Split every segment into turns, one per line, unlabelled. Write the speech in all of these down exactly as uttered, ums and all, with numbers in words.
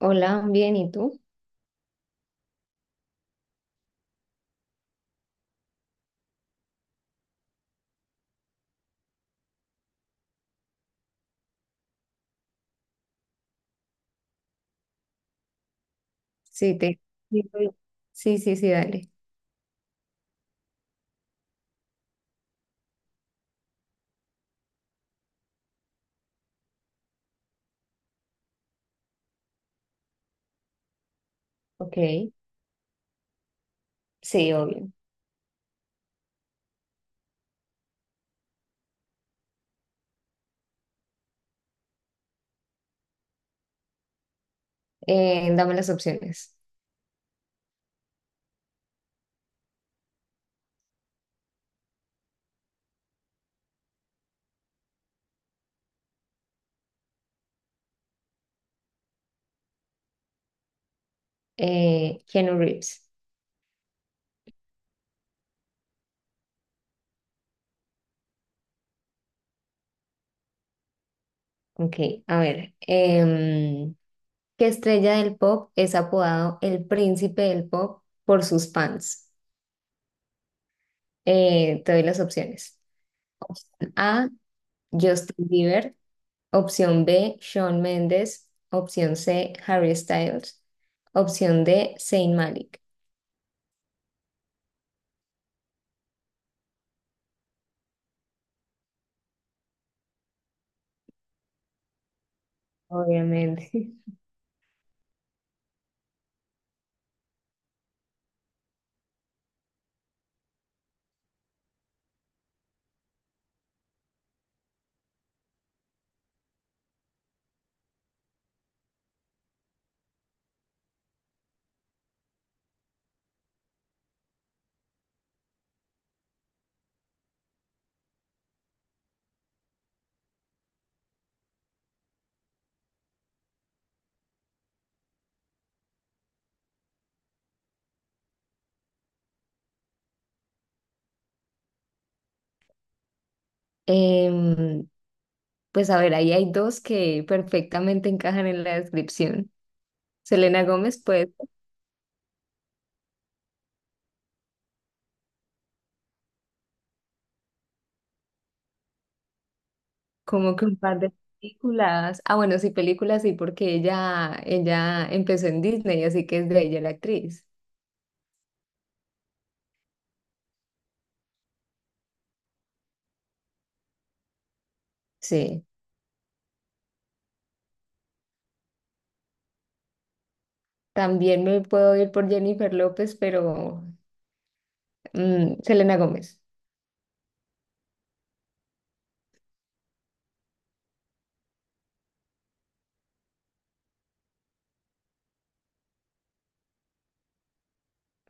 Hola, bien, ¿y tú? Sí, te... Sí, estoy- sí, sí, sí, dale. Ok, sí, obvio. Eh, dame las opciones. Eh, Keanu Reeves. Ok, a ver. em, ¿Qué estrella del pop es apodado el príncipe del pop por sus fans? Eh, te doy las opciones. Opción A, Justin Bieber. Opción B, Shawn Mendes. Opción C, Harry Styles. Opción D, Zayn Malik. Obviamente. Em, pues a ver, ahí hay dos que perfectamente encajan en la descripción. Selena Gómez, pues, como que un par de películas. Ah, bueno, sí, películas, sí, porque ella, ella empezó en Disney, así que es de ella la actriz. Sí. También me puedo ir por Jennifer López, pero mm, Selena Gómez.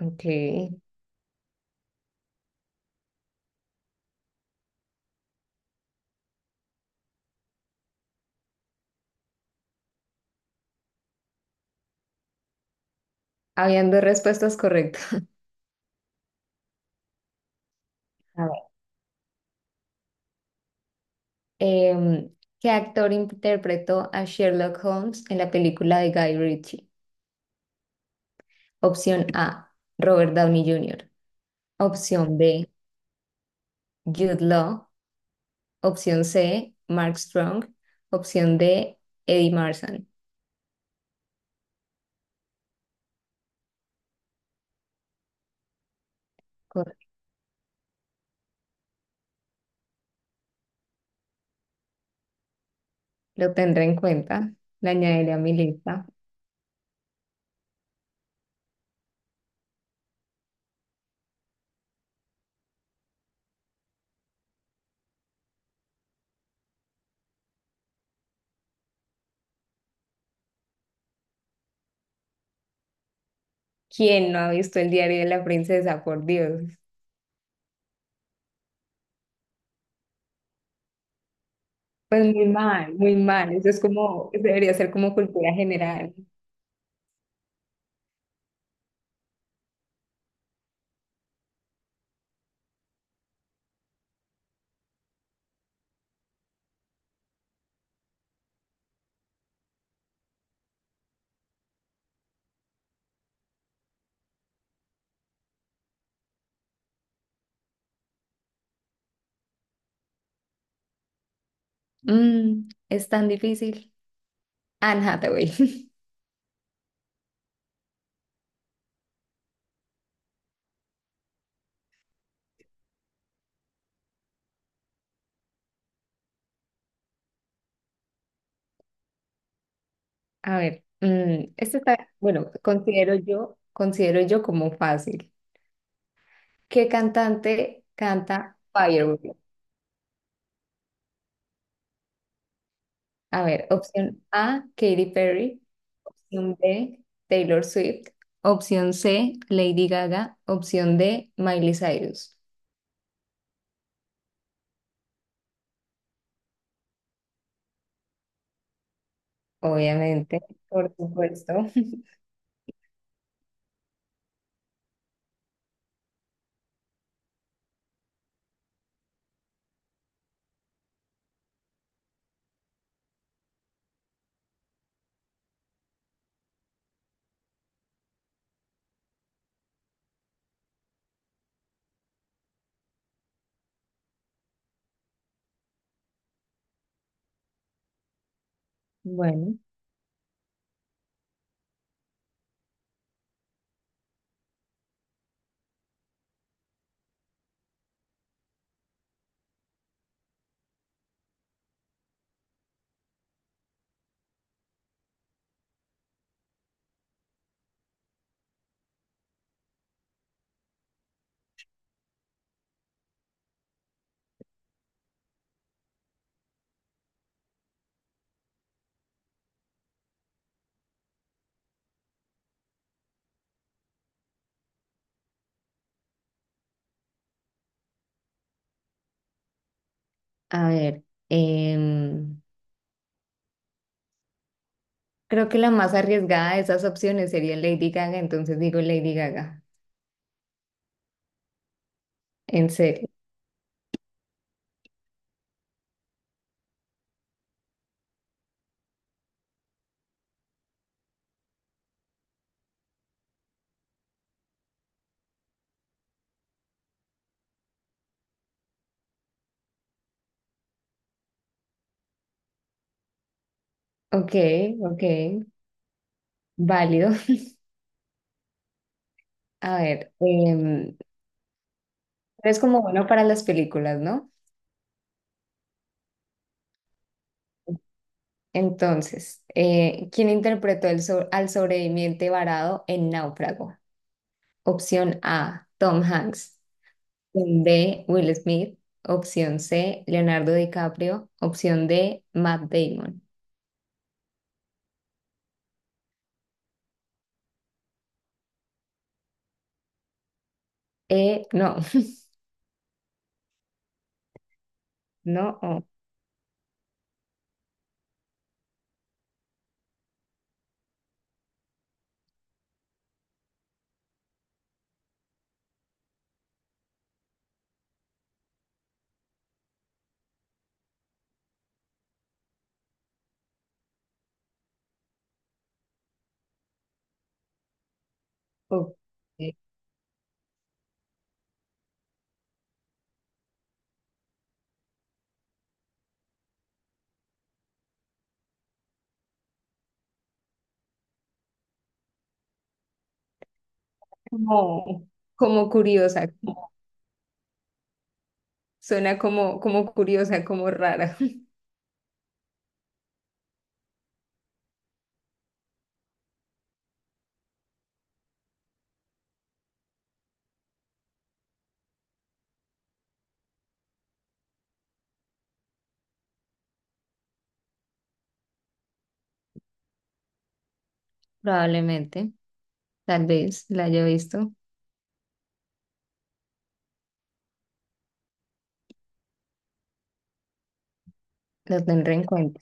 Ok. Habían dos respuestas correctas. A ver. Em, ¿Qué actor interpretó a Sherlock Holmes en la película de Guy Ritchie? Opción A, Robert Downey júnior Opción B, Jude Law. Opción C, Mark Strong. Opción D, Eddie Marsan. Correcto. Lo tendré en cuenta. La añadiré a mi lista. ¿Quién no ha visto el diario de la princesa? Por Dios. Pues muy mal, muy mal. Eso es como, debería ser como cultura general. Mm, es tan difícil. Anne Hathaway. A ver, mm, este está, bueno, considero yo, considero yo como fácil. ¿Qué cantante canta Firework? A ver, opción A, Katy Perry. Opción B, Taylor Swift. Opción C, Lady Gaga. Opción D, Miley Cyrus. Obviamente, por supuesto. Bueno, a ver, em, creo que la más arriesgada de esas opciones sería Lady Gaga, entonces digo Lady Gaga. En serio. Ok, ok, válido. A ver, em, eres como bueno para las películas, ¿no? Entonces, eh, ¿quién interpretó el so- al sobreviviente varado en Náufrago? Opción A, Tom Hanks. Opción B, Will Smith. Opción C, Leonardo DiCaprio. Opción D, Matt Damon. Eh, no, no. Oh, ok. Como, como curiosa, como- Suena como, como curiosa, como rara. Probablemente, tal vez la haya visto, lo tendré en cuenta.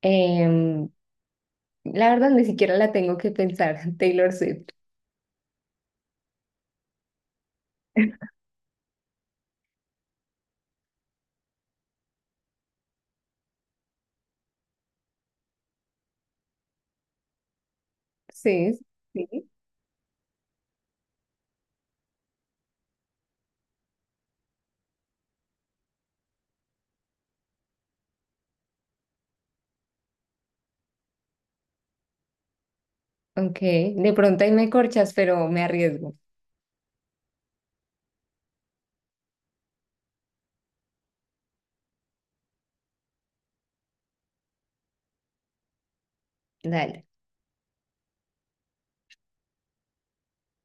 Em, la verdad, ni siquiera la tengo que pensar, Taylor Swift. Sí, sí. Ok, de pronto ahí me corchas, pero me arriesgo. Dale.